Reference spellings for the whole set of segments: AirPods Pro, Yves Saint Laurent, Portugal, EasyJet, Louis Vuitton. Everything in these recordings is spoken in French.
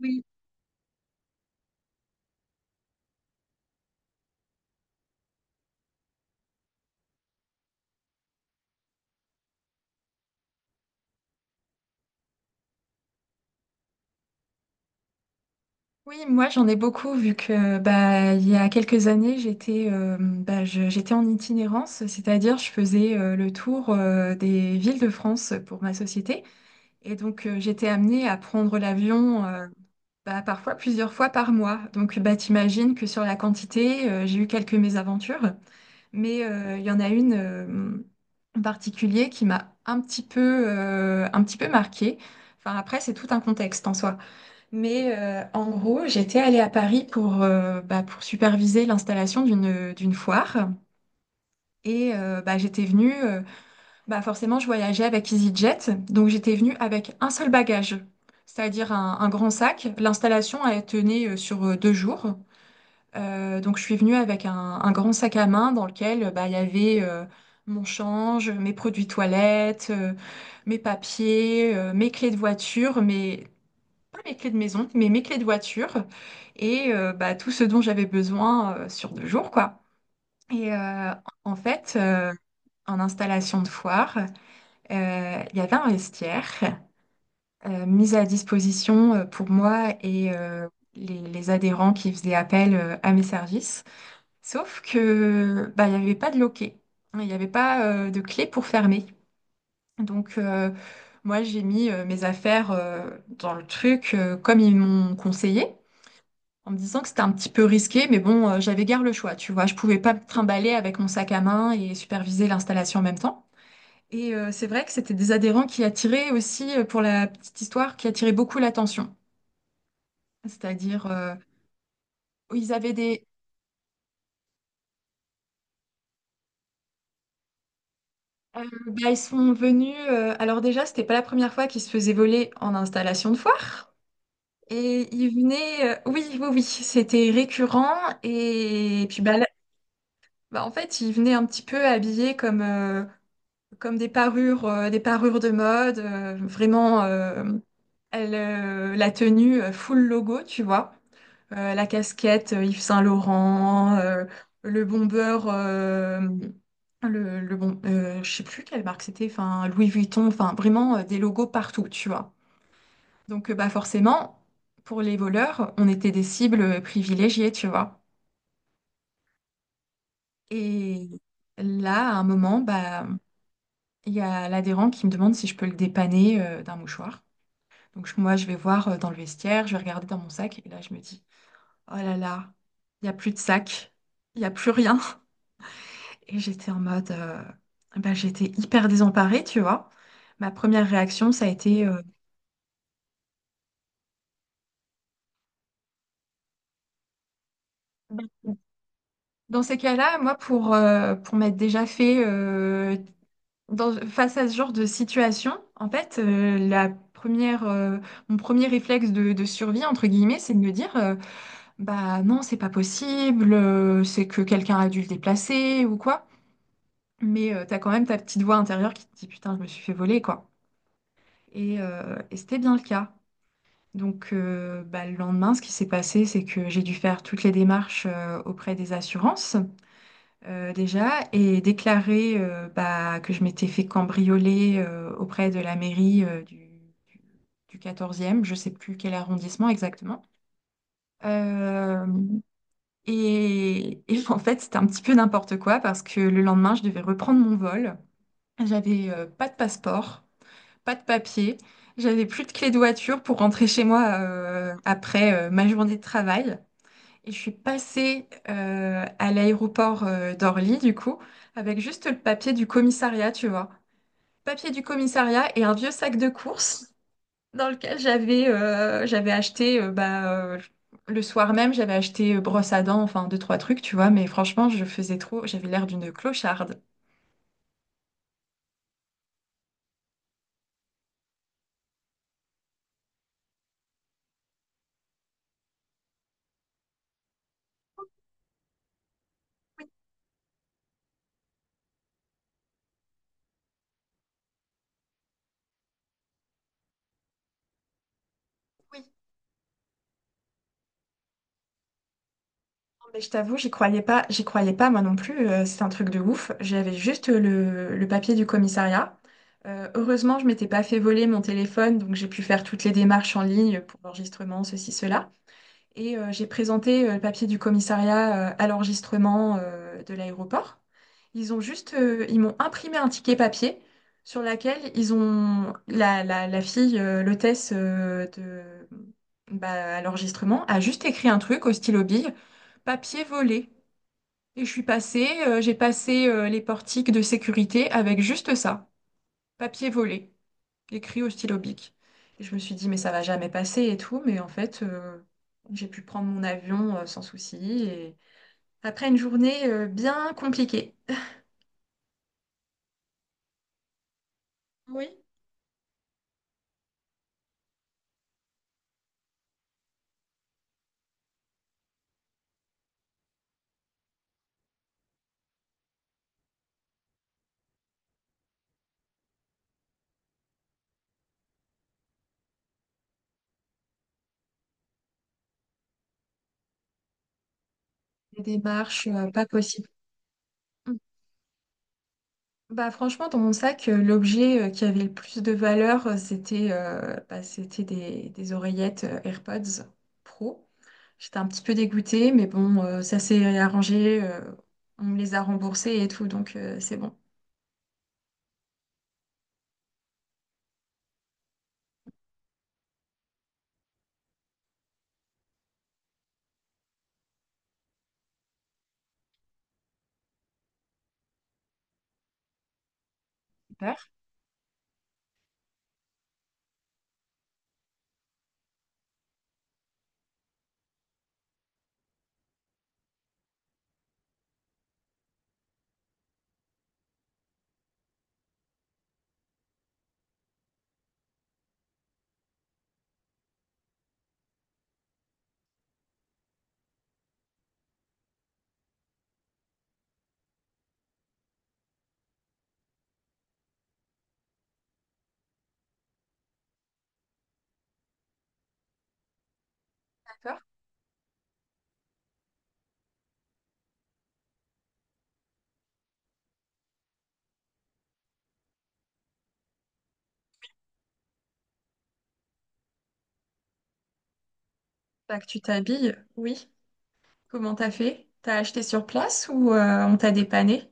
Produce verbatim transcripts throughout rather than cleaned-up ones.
Oui, oui, moi j'en ai beaucoup vu que bah, il y a quelques années j'étais euh, bah, je- j'étais en itinérance, c'est-à-dire je faisais euh, le tour euh, des villes de France pour ma société et donc euh, j'étais amenée à prendre l'avion euh, bah, parfois plusieurs fois par mois. Donc bah, t'imagines que sur la quantité euh, j'ai eu quelques mésaventures. Mais euh, il y en a une euh, en particulier qui m'a un petit peu, euh, un petit peu marquée. Enfin, après, c'est tout un contexte en soi. Mais euh, en gros, j'étais allée à Paris pour, euh, bah, pour superviser l'installation d'une d'une foire. Et euh, bah, j'étais venue, euh, bah, forcément, je voyageais avec EasyJet. Donc j'étais venue avec un seul bagage, c'est-à-dire un, un grand sac. L'installation, elle tenait euh, sur euh, deux jours. Euh, donc je suis venue avec un, un grand sac à main dans lequel euh, bah, il y avait euh, mon change, mes produits toilettes, euh, mes papiers, euh, mes clés de voiture, mais pas mes clés de maison, mais mes clés de voiture et euh, bah, tout ce dont j'avais besoin euh, sur deux jours, quoi. Et euh, en fait, euh, en installation de foire, euh, il y avait un vestiaire euh, mis à disposition euh, pour moi et euh, les, les adhérents qui faisaient appel euh, à mes services. Sauf que bah, il n'y avait pas de loquet, il n'y avait pas euh, de clé pour fermer. Donc euh, moi, j'ai mis euh, mes affaires euh, dans le truc euh, comme ils m'ont conseillé, en me disant que c'était un petit peu risqué, mais bon, euh, j'avais guère le choix, tu vois. Je pouvais pas me trimballer avec mon sac à main et superviser l'installation en même temps. Et euh, c'est vrai que c'était des adhérents qui attiraient aussi, euh, pour la petite histoire, qui attiraient beaucoup l'attention. C'est-à-dire, euh, ils avaient des... euh, bah, ils sont venus... euh, alors déjà, c'était pas la première fois qu'ils se faisaient voler en installation de foire. Et ils venaient... euh, oui, oui, oui, c'était récurrent. Et, puis, bah, là- bah, en fait, ils venaient un petit peu habillés comme... euh, comme des parures, euh, des parures de mode, euh, vraiment euh, elle, euh, la tenue euh, full logo, tu vois. Euh, la casquette euh, Yves Saint Laurent, euh, le bomber, euh, le, le bon, euh, je sais plus quelle marque c'était, enfin Louis Vuitton, enfin vraiment euh, des logos partout, tu vois. Donc euh, bah forcément, pour les voleurs, on était des cibles privilégiées, tu vois. Et là, à un moment, bah il y a l'adhérent qui me demande si je peux le dépanner euh, d'un mouchoir. Donc je- moi, je vais voir euh, dans le vestiaire, je vais regarder dans mon sac, et là, je me dis, oh là là, il n'y a plus de sac, il n'y a plus rien. Et j'étais en mode, euh, bah, j'étais hyper désemparée, tu vois. Ma première réaction, ça a été, euh, Bah, dans ces cas-là, moi, pour, euh, pour m'être déjà fait euh, dans- face à ce genre de situation, en fait, euh, la première, euh, mon premier réflexe de, de survie, entre guillemets, c'est de me dire, euh, bah non, c'est pas possible, euh, c'est que quelqu'un a dû le déplacer ou quoi. Mais euh, t'as quand même ta petite voix intérieure qui te dit putain, je me suis fait voler quoi. Et, euh, et c'était bien le cas. Donc euh, bah, le lendemain, ce qui s'est passé, c'est que j'ai dû faire toutes les démarches euh, auprès des assurances euh, déjà et déclarer euh, bah, que je m'étais fait cambrioler euh, auprès de la mairie euh, du, du quatorzième, je sais plus quel arrondissement exactement. Euh, Et, et en fait, c'était un petit peu n'importe quoi parce que le lendemain, je devais reprendre mon vol. J'avais euh, pas de passeport, pas de papier, j'avais plus de clé de voiture pour rentrer chez moi euh, après euh, ma journée de travail. Et je suis passée euh, à l'aéroport euh, d'Orly, du coup, avec juste le papier du commissariat, tu vois. Papier du commissariat et un vieux sac de courses dans lequel j'avais euh, j'avais acheté euh, bah, euh, le soir même, j'avais acheté euh, brosse à dents, enfin deux, trois trucs, tu vois, mais franchement, je faisais trop, j'avais l'air d'une clocharde. Oui, oui. Non, mais je t'avoue, j'y croyais pas, j'y croyais pas moi non plus, euh, c'est un truc de ouf. J'avais juste le, le papier du commissariat. Euh, heureusement, je m'étais pas fait voler mon téléphone, donc j'ai pu faire toutes les démarches en ligne pour l'enregistrement, ceci, cela. Et euh, j'ai présenté euh, le papier du commissariat euh, à l'enregistrement euh, de l'aéroport. Ils ont juste, euh, ils m'ont imprimé un ticket papier sur laquelle ils ont la, la, la fille, euh, l'hôtesse euh, de bah, à l'enregistrement a juste écrit un truc au stylo bille, papier volé. Et je suis passée, euh, j'ai passé euh, les portiques de sécurité avec juste ça, papier volé écrit au stylo bic. Et je me suis dit, mais ça va jamais passer et tout. Mais en fait, euh, j'ai pu prendre mon avion euh, sans souci. Et après une journée euh, bien compliquée. Oui. Des démarches euh, pas possibles. Mm. Bah, franchement, dans mon sac, euh, l'objet euh, qui avait le plus de valeur, euh, c'était euh, bah, c'était des, des oreillettes euh, AirPods Pro. J'étais un petit peu dégoûtée, mais bon, euh, ça s'est arrangé, euh, on me les a remboursés et tout, donc euh, c'est bon. Super. D'accord. Bah, que tu t'habilles, oui. Comment t'as fait? T'as acheté sur place ou euh, on t'a dépanné?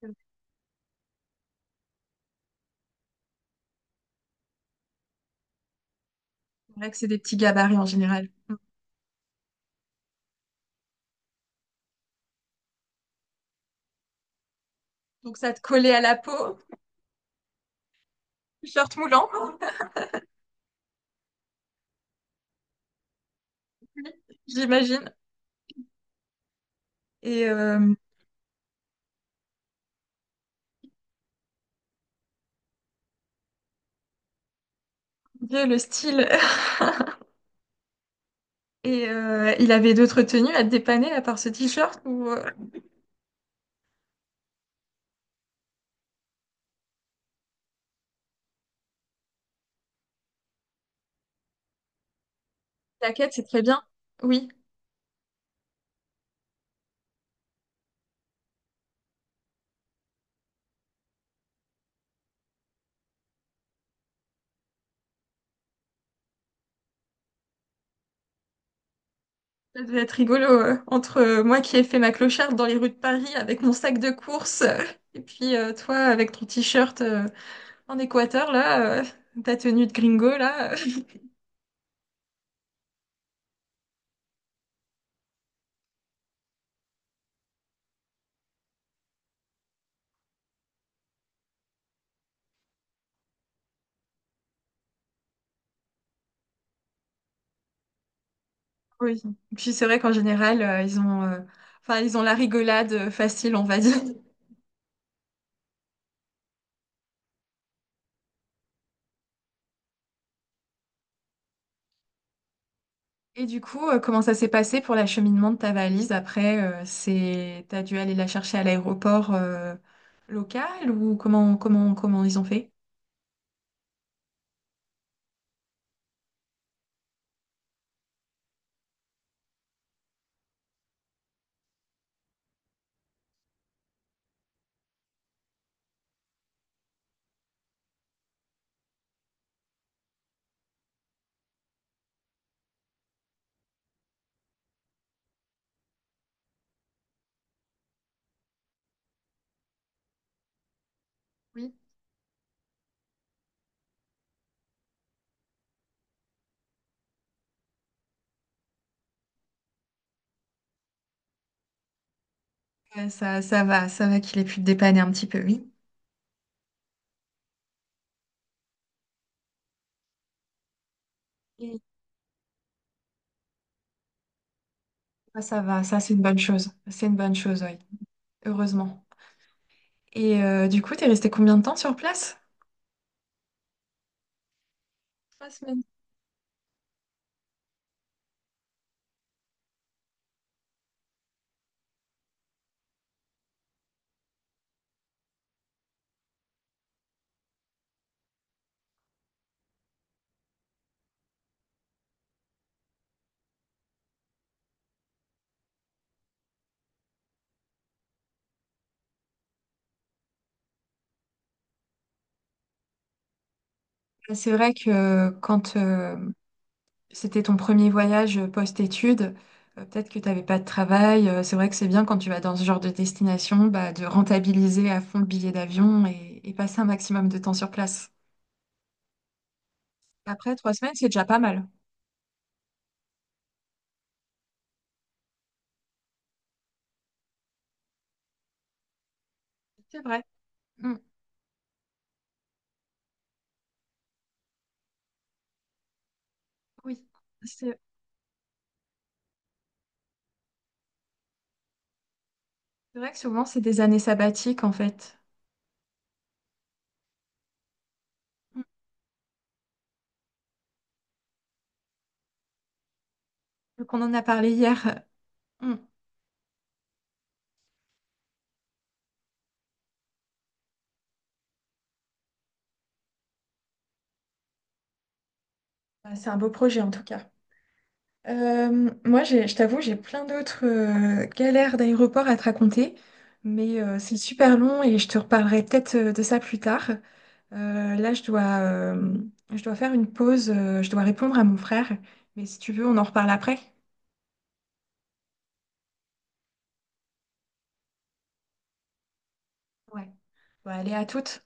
C'est vrai que c'est des petits gabarits en général. Donc ça te collait à la peau, short moulant, oui, j'imagine. Et euh, Dieu, le style. Et euh, il avait d'autres tenues à te dépanner à part ce t-shirt ou euh, t'inquiète, c'est très bien. Oui, ça devait être rigolo euh, entre euh, moi qui ai fait ma clocharde dans les rues de Paris avec mon sac de course euh, et puis euh, toi avec ton t-shirt euh, en Équateur là, euh, ta tenue de gringo là. euh, Oui. Puis c'est vrai qu'en général, euh, ils ont, euh, enfin, ils ont la rigolade euh, facile, on va dire. Et du coup, euh, comment ça s'est passé pour l'acheminement de ta valise après, euh, c'est, t'as dû aller la chercher à l'aéroport, euh, local ou comment, comment, comment ils ont fait? Oui. Ouais, ça, ça va, ça va qu'il ait pu te dépanner un petit peu, oui. Et ça, ça va, ça c'est une bonne chose. C'est une bonne chose, oui. Heureusement. Et euh, du coup, t'es resté combien de temps sur place? Trois semaines. C'est vrai que quand, euh, c'était ton premier voyage euh, post-études. Euh, peut-être que tu n'avais pas de travail. Euh, c'est vrai que c'est bien quand tu vas dans ce genre de destination, bah, de rentabiliser à fond le billet d'avion et, et passer un maximum de temps sur place. Après, trois semaines, c'est déjà pas mal. C'est vrai. Mm. Oui. C'est c'est vrai que souvent, c'est des années sabbatiques, en fait. Mm. Donc, on en a parlé hier. Mm. Bah, c'est un beau projet, en tout cas. Euh, moi, j'ai- je t'avoue, j'ai plein d'autres euh, galères d'aéroport à te raconter, mais euh, c'est super long et je te reparlerai peut-être euh, de ça plus tard. Euh, là, je dois, euh, je dois faire une pause, euh, je dois répondre à mon frère, mais si tu veux, on en reparle après. Ouais. Bon, allez, à toutes.